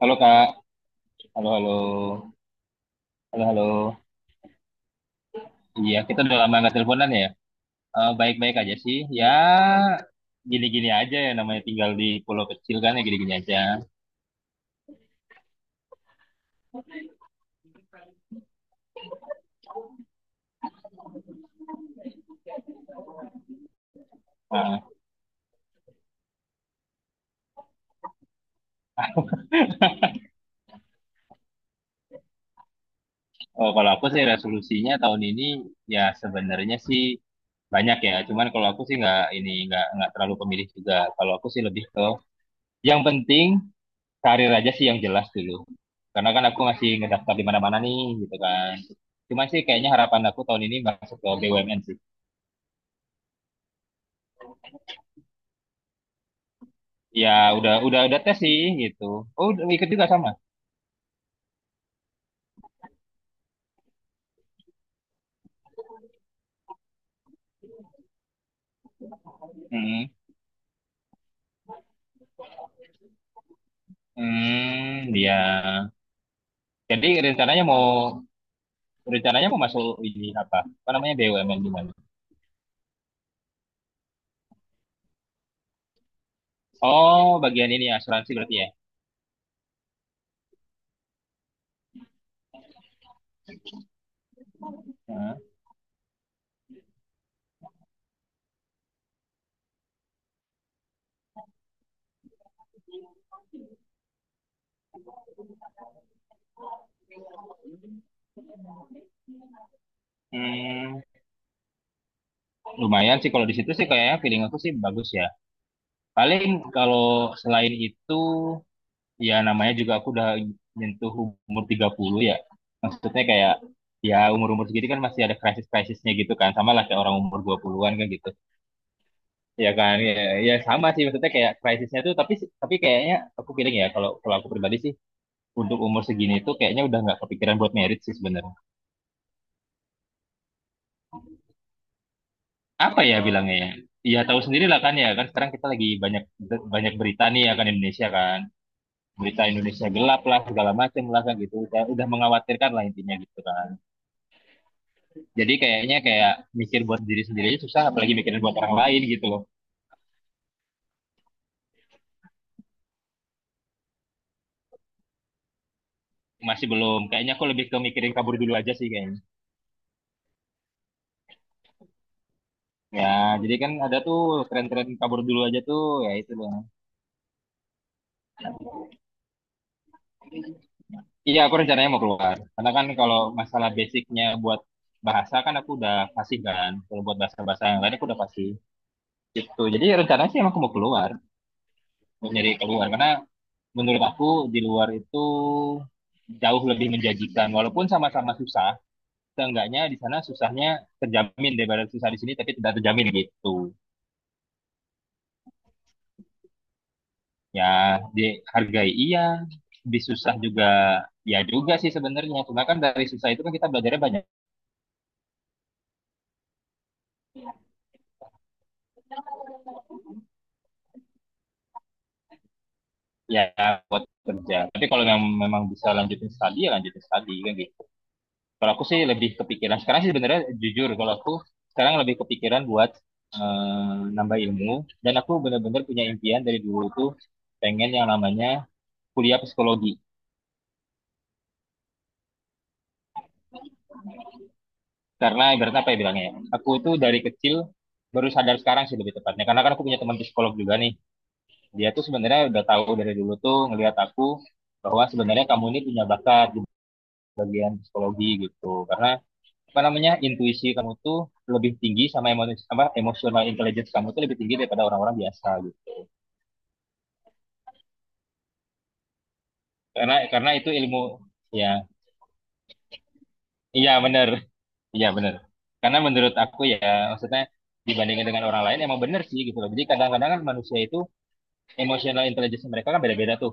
Halo Kak, halo halo, halo halo. Iya kita udah lama nggak teleponan ya. Baik-baik aja sih. Ya gini-gini aja ya namanya tinggal di pulau kecil kan ya gini-gini aja. Nah, kalau aku sih resolusinya tahun ini ya sebenarnya sih banyak ya. Cuman kalau aku sih nggak ini nggak terlalu pemilih juga. Kalau aku sih lebih ke yang penting karir aja sih yang jelas dulu. Karena kan aku masih ngedaftar di mana-mana nih gitu kan. Cuma sih kayaknya harapan aku tahun ini masuk ke BUMN. Ya udah tes sih gitu. Oh udah ikut juga sama. Hmm. Hmm, ya. Jadi rencananya mau masuk ini apa? Apa namanya BUMN gimana? Oh, bagian ini asuransi berarti ya. Hmm. Hmm, lumayan sih kalau di situ sih kayaknya feeling aku sih bagus ya. Paling kalau selain itu ya namanya juga aku udah nyentuh umur 30 ya. Maksudnya kayak ya umur-umur segitu kan masih ada krisis-krisisnya gitu kan. Sama lah kayak orang umur 20-an kan gitu. Ya kan ya, ya sama sih maksudnya kayak krisisnya tuh tapi kayaknya aku feeling ya kalau kalau aku pribadi sih untuk umur segini tuh kayaknya udah nggak kepikiran buat merit sih sebenarnya. Apa ya bilangnya ya ya tahu sendiri lah kan ya kan sekarang kita lagi banyak banyak berita nih ya kan Indonesia kan berita Indonesia gelap lah segala macam lah kan gitu udah mengkhawatirkan lah intinya gitu kan. Jadi kayaknya kayak mikir buat diri sendiri aja susah apalagi mikirin buat orang lain gitu loh. Masih belum kayaknya aku lebih ke mikirin kabur dulu aja sih kayaknya. Ya, jadi kan ada tuh tren-tren kabur dulu aja tuh, ya itu loh. Iya, aku rencananya mau keluar. Karena kan kalau masalah basicnya buat bahasa kan aku udah fasih kan. Kalau buat bahasa-bahasa yang lain aku udah fasih. Gitu. Jadi rencananya sih emang aku mau keluar, mau nyari keluar. Karena menurut aku di luar itu jauh lebih menjanjikan. Walaupun sama-sama susah, seenggaknya di sana susahnya terjamin daripada susah di sini tapi tidak terjamin gitu. Ya dihargai iya disusah juga ya juga sih sebenarnya cuma kan dari susah itu kan kita belajarnya banyak. Ya buat kerja tapi kalau memang bisa lanjutin studi ya lanjutin studi kan gitu. Kalau aku sih lebih kepikiran sekarang sih sebenarnya jujur kalau aku sekarang lebih kepikiran buat nambah ilmu dan aku benar-benar punya impian dari dulu tuh pengen yang namanya kuliah psikologi. Karena ibaratnya apa ya bilangnya ya aku tuh dari kecil baru sadar sekarang sih lebih tepatnya karena kan aku punya teman psikolog juga nih. Dia tuh sebenarnya udah tahu dari dulu tuh ngelihat aku bahwa sebenarnya kamu ini punya bakat di bagian psikologi gitu karena apa namanya intuisi kamu tuh lebih tinggi sama emosi apa emotional intelligence kamu tuh lebih tinggi daripada orang-orang biasa gitu. Karena itu ilmu ya. Iya benar, iya benar. Karena menurut aku ya maksudnya dibandingkan dengan orang lain emang bener sih gitu loh. Jadi kadang-kadang kan manusia itu emotional intelligence mereka kan beda-beda tuh.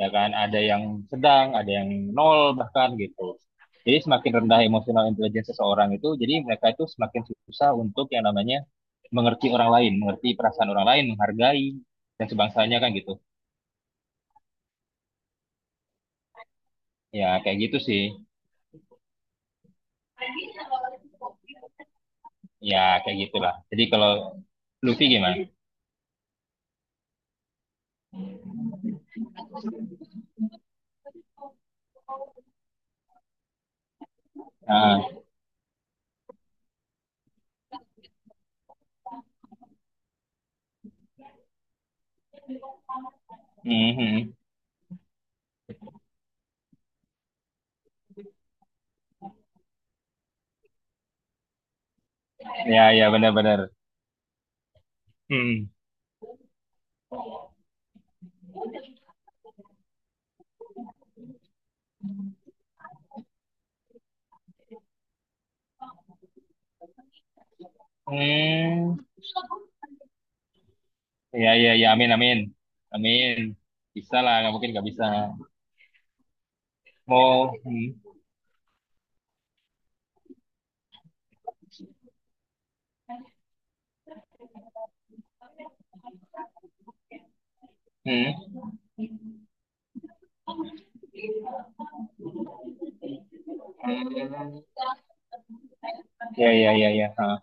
Ya kan ada yang sedang ada yang nol bahkan gitu. Jadi semakin rendah emosional intelijen seseorang itu jadi mereka itu semakin susah untuk yang namanya mengerti orang lain, mengerti perasaan orang lain, menghargai dan sebangsanya kan gitu. Ya kayak gitu sih. Ya kayak gitulah, jadi kalau Luffy gimana? Ah. Mhm. Ya, ya benar-benar. Hmm. Hmm. Ya ya ya, amin amin amin, bisa lah, nggak mungkin nggak bisa. Mau. Hmm. Hmm. Hmm, ya ya ya ya. Ha.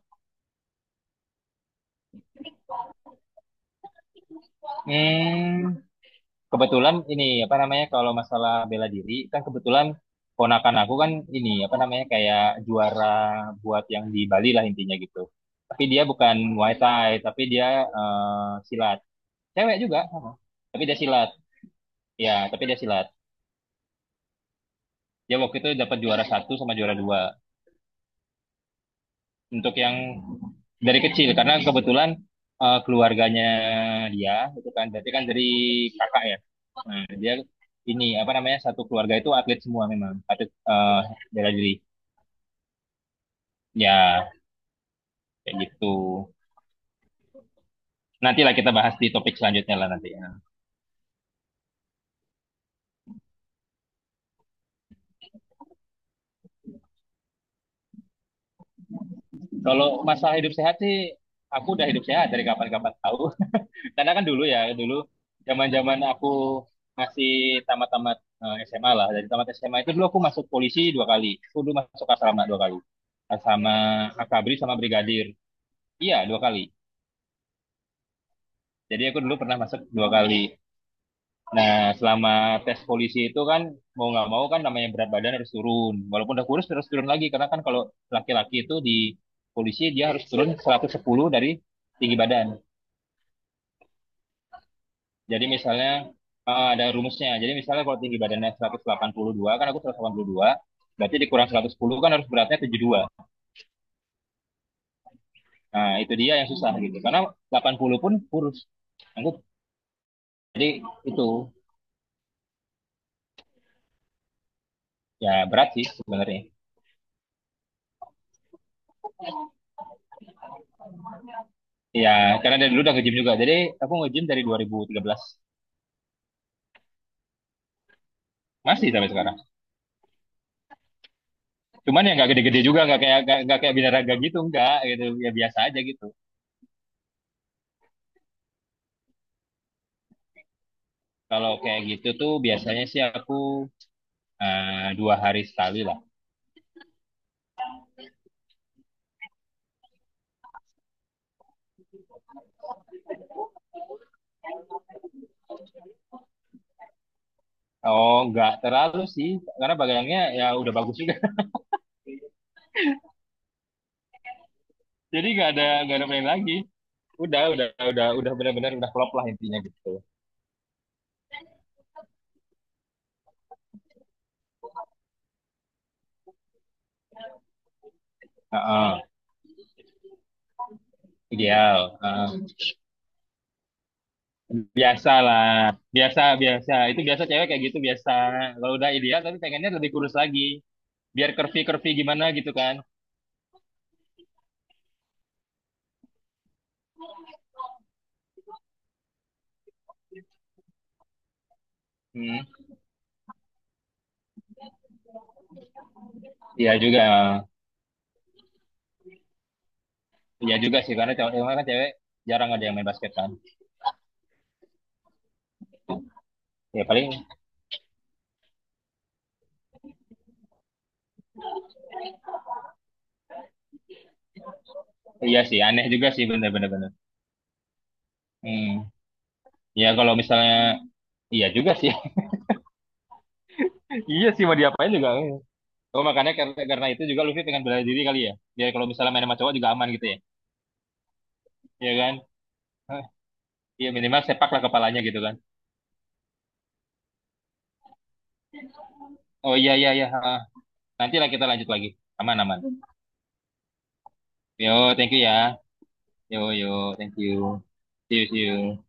Hmm, kebetulan ini apa namanya kalau masalah bela diri kan kebetulan ponakan aku kan ini apa namanya kayak juara buat yang di Bali lah intinya gitu. Tapi dia bukan Muay Thai, tapi dia silat. Cewek juga sama. Tapi dia silat. Ya, tapi dia silat. Dia waktu itu dapat juara satu sama juara dua. Untuk yang dari kecil karena kebetulan keluarganya dia itu kan berarti kan dari kakak ya. Nah, dia ini apa namanya satu keluarga itu atlet semua memang atlet bela diri. Ya kayak gitu. Nantilah kita bahas di topik selanjutnya lah nanti ya. Kalau masalah hidup sehat sih aku udah hidup sehat dari kapan-kapan tahu. Karena kan dulu ya, dulu zaman-zaman aku masih tamat-tamat SMA lah. Dari tamat SMA itu dulu aku masuk polisi dua kali. Aku dulu masuk asrama dua kali. Sama akabri sama brigadir. Iya, dua kali. Jadi aku dulu pernah masuk dua kali. Nah, selama tes polisi itu kan mau nggak mau kan namanya berat badan harus turun. Walaupun udah kurus harus turun lagi karena kan kalau laki-laki itu di polisi dia harus turun 110 dari tinggi badan. Jadi misalnya ada rumusnya. Jadi misalnya kalau tinggi badannya 182, kan aku 182, berarti dikurang 110 kan harus beratnya 72. Nah, itu dia yang susah gitu. Karena 80 pun kurus. Aku, jadi itu ya berat sih sebenarnya. Ya, karena dari dulu udah nge-gym juga. Jadi aku nge-gym dari 2013. Masih sampai sekarang. Cuman ya nggak gede-gede juga, nggak kayak nggak kayak binaraga gitu, nggak gitu. Ya biasa aja gitu. Kalau kayak gitu tuh biasanya sih aku dua hari sekali lah. Oh, nggak terlalu sih, karena bagangnya ya udah bagus juga. Jadi nggak ada main lagi. Udah benar-benar udah klop lah intinya gitu. Heeh, ideal. Heeh. Biasa lah, biasa biasa. Itu biasa cewek kayak gitu biasa. Kalau udah ideal tapi pengennya lebih kurus lagi, biar curvy curvy gimana gitu kan. Hmm, iya juga, iya juga sih karena kan cewek jarang ada yang main basket kan. Ya paling iya sih, aneh juga sih bener-bener. Hmm, ya kalau misalnya iya juga sih. Iya sih mau diapain juga. Eh. Oh makanya karena itu juga Luffy pengen bela diri kali ya. Dia kalau misalnya main sama cowok juga aman gitu ya. Iya kan? Hah, iya minimal sepak lah kepalanya gitu kan. Oh iya iya iya. Ah, nanti lah kita lanjut lagi. Aman aman. Yo thank you ya. Yo yo thank you. See you see you.